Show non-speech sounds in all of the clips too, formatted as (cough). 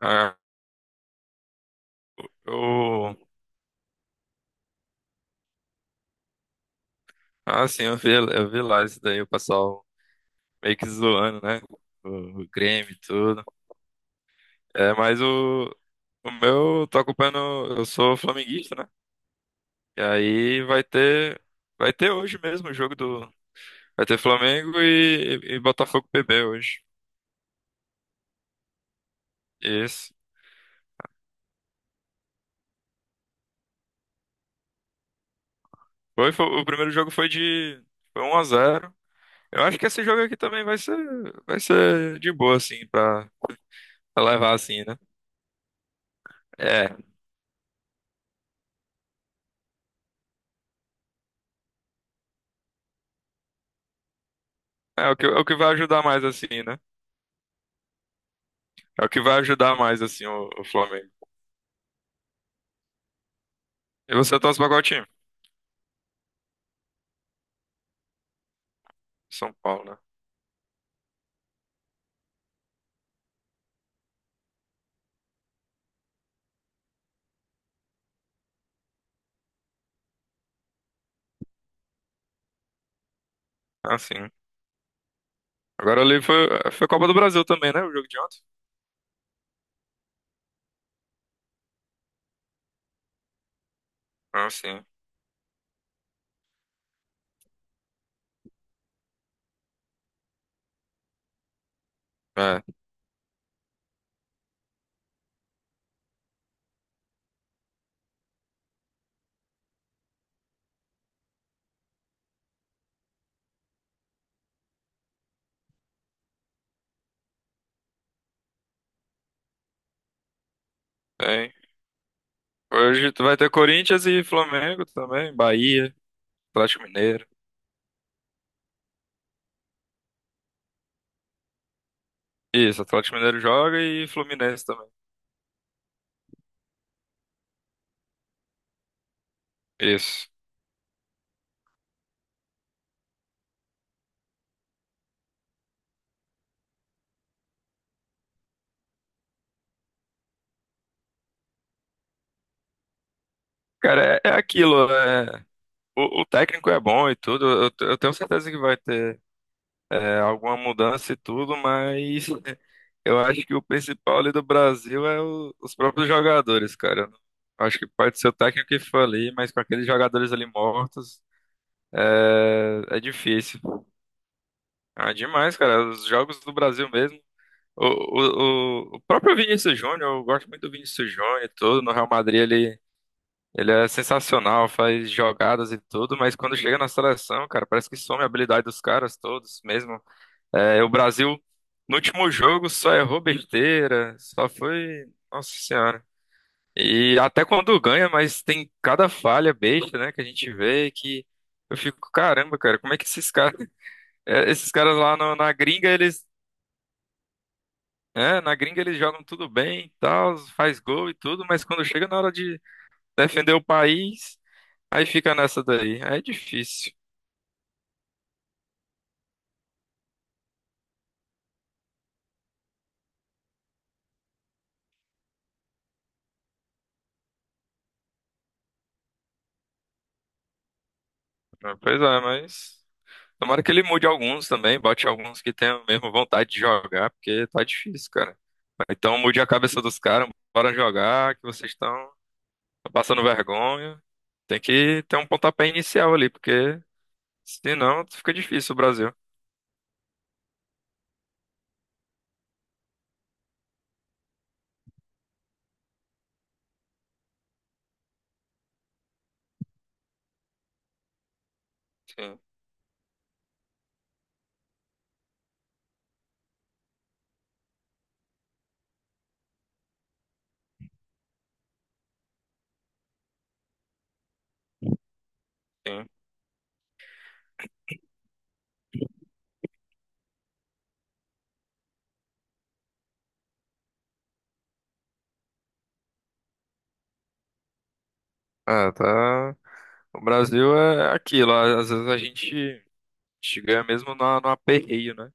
Ah, eu, sim, eu vi lá isso daí, o pessoal meio que zoando, né? O Grêmio e tudo. É, mas eu tô acompanhando, eu sou flamenguista, né? E aí vai ter hoje mesmo vai ter Flamengo e Botafogo PB hoje. Isso. O primeiro jogo foi 1-0. Eu acho que esse jogo aqui também vai ser de boa, assim, pra levar, assim, né? É, é o que vai ajudar mais, assim, né? É o que vai ajudar mais, assim, o Flamengo. E você torce pra qual time? São Paulo, né? Ah, sim. Agora ali foi Copa do Brasil também, né? O jogo de ontem. Ah, sim. É, tem. Hoje tu vai ter Corinthians e Flamengo também, Bahia, Atlético Mineiro. Isso, Atlético Mineiro joga e Fluminense também. Isso. Cara, é aquilo. O técnico é bom e tudo, eu tenho certeza que vai ter alguma mudança e tudo, mas eu acho que o principal ali do Brasil é os próprios jogadores, cara. Eu não-. Acho que pode ser o técnico que for ali, mas com aqueles jogadores ali mortos, é difícil. Ah, demais, cara. Os jogos do Brasil mesmo. O próprio Vinícius Júnior, eu gosto muito do Vinícius Júnior e tudo. No Real Madrid ele é sensacional, faz jogadas e tudo, mas quando chega na seleção, cara, parece que some a habilidade dos caras todos mesmo. É, o Brasil, no último jogo, só errou besteira, só foi. Nossa Senhora. E até quando ganha, mas tem cada falha besta, né, que a gente vê que eu fico, caramba, cara, como é que esses caras, (laughs) esses caras lá na gringa, na gringa eles jogam tudo bem, e tal, faz gol e tudo, mas quando chega na hora de defender o país, aí fica nessa daí. Aí é difícil. É, pois é, mas. Tomara que ele mude alguns também, bote alguns que tenham mesmo vontade de jogar, porque tá difícil, cara. Então mude a cabeça dos caras, bora jogar, que vocês estão passando vergonha. Tem que ter um pontapé inicial ali, porque senão fica difícil o Brasil. Sim, sim. Ah, tá. O Brasil é aquilo, às vezes a gente ganha mesmo no, no aperreio, né?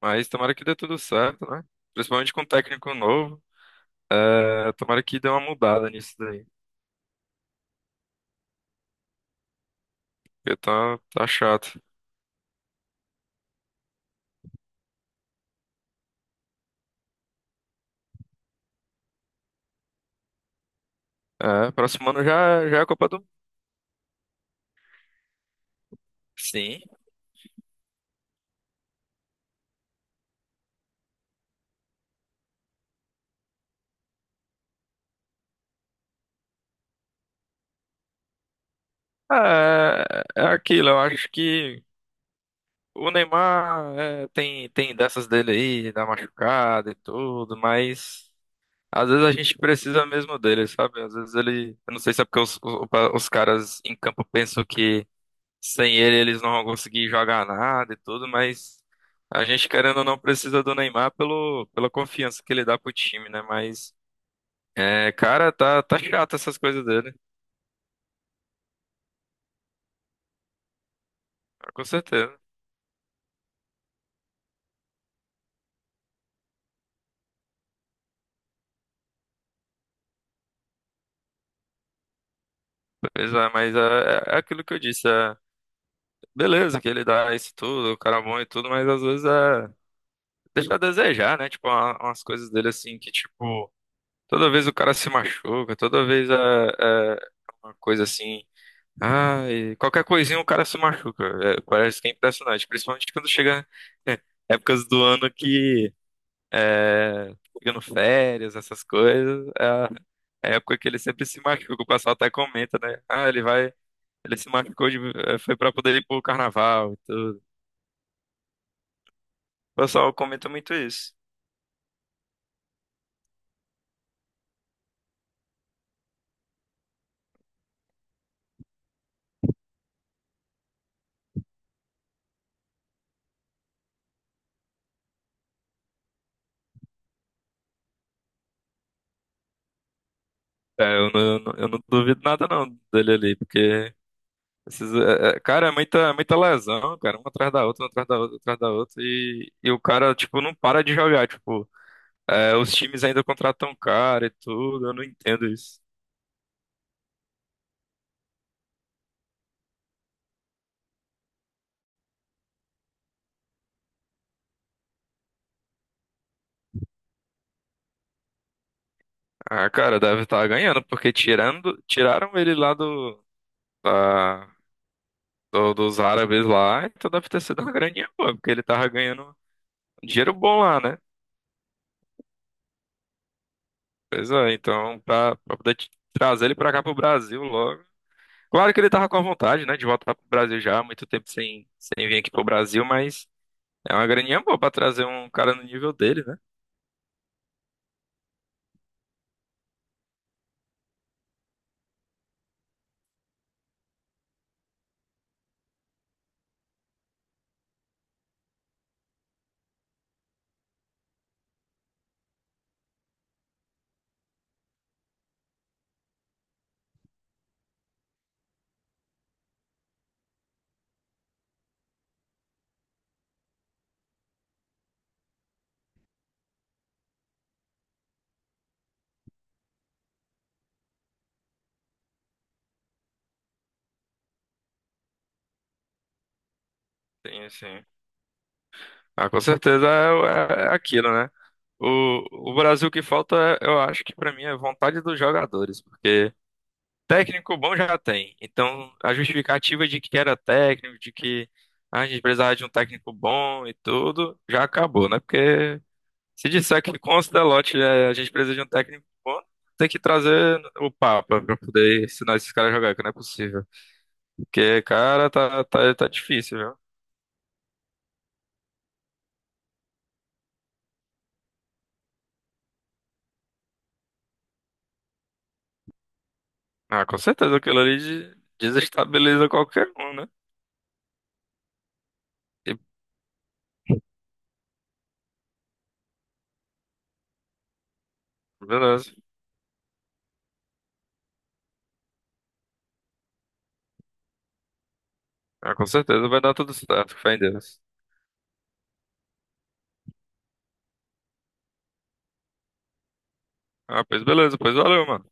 Mas tomara que dê tudo certo, né? Principalmente com o técnico novo, tomara que dê uma mudada nisso daí, porque tá chato. É, próximo ano já, já é a Copa do Mundo. Sim. É, é aquilo, eu acho que o Neymar tem dessas dele aí, da machucada e tudo, mas às vezes a gente precisa mesmo dele, sabe? Às vezes ele. Eu não sei se é porque os, os caras em campo pensam que sem ele eles não vão conseguir jogar nada e tudo, mas a gente querendo ou não precisa do Neymar pelo, pela confiança que ele dá pro time, né? Mas, é, cara, tá chato essas coisas dele, com certeza. Pois é, mas é aquilo que eu disse, beleza que ele dá isso tudo, o cara é bom e tudo, mas às vezes deixa a desejar, né? Tipo, umas coisas dele assim que, tipo, toda vez o cara se machuca, toda vez é uma coisa assim, ai, qualquer coisinha o cara se machuca. É, parece que é impressionante, principalmente quando chega (laughs) épocas do ano que é, chegando férias, essas coisas, é a época que ele sempre se machuca, o pessoal até comenta, né? Ah, ele vai. Ele se machucou foi pra poder ir pro carnaval e tudo. O pessoal comenta muito isso. É, eu não duvido nada não dele ali, porque cara, é muita lesão, cara, uma atrás da outra, uma atrás da outra, uma atrás da outra, e o cara, tipo, não para de jogar, tipo, é, os times ainda contratam cara e tudo, eu não entendo isso. Ah, cara, deve estar ganhando, porque tiraram ele lá do, da- dos árabes lá, então deve ter sido uma graninha boa, porque ele tava ganhando um dinheiro bom lá, né? Pois é, então, pra poder trazer ele pra cá pro Brasil logo. Claro que ele tava com a vontade, né, de voltar pro Brasil já, há muito tempo sem, sem vir aqui pro Brasil, mas é uma graninha boa pra trazer um cara no nível dele, né? Sim, sim. Ah, com certeza é aquilo, né? O Brasil que falta, eu acho que pra mim é vontade dos jogadores, porque técnico bom já tem. Então, a justificativa de que era técnico, de que ah, a gente precisava de um técnico bom e tudo, já acabou, né? Porque se disser que com o Ancelotti é, a gente precisa de um técnico bom, tem que trazer o Papa pra poder ensinar esses caras a jogar, que não é possível. Porque, cara, tá difícil, viu? Ah, com certeza, aquilo ali desestabiliza qualquer um, né? E beleza. Ah, com certeza vai dar tudo certo, fé em Deus. Ah, pois beleza, pois valeu, mano.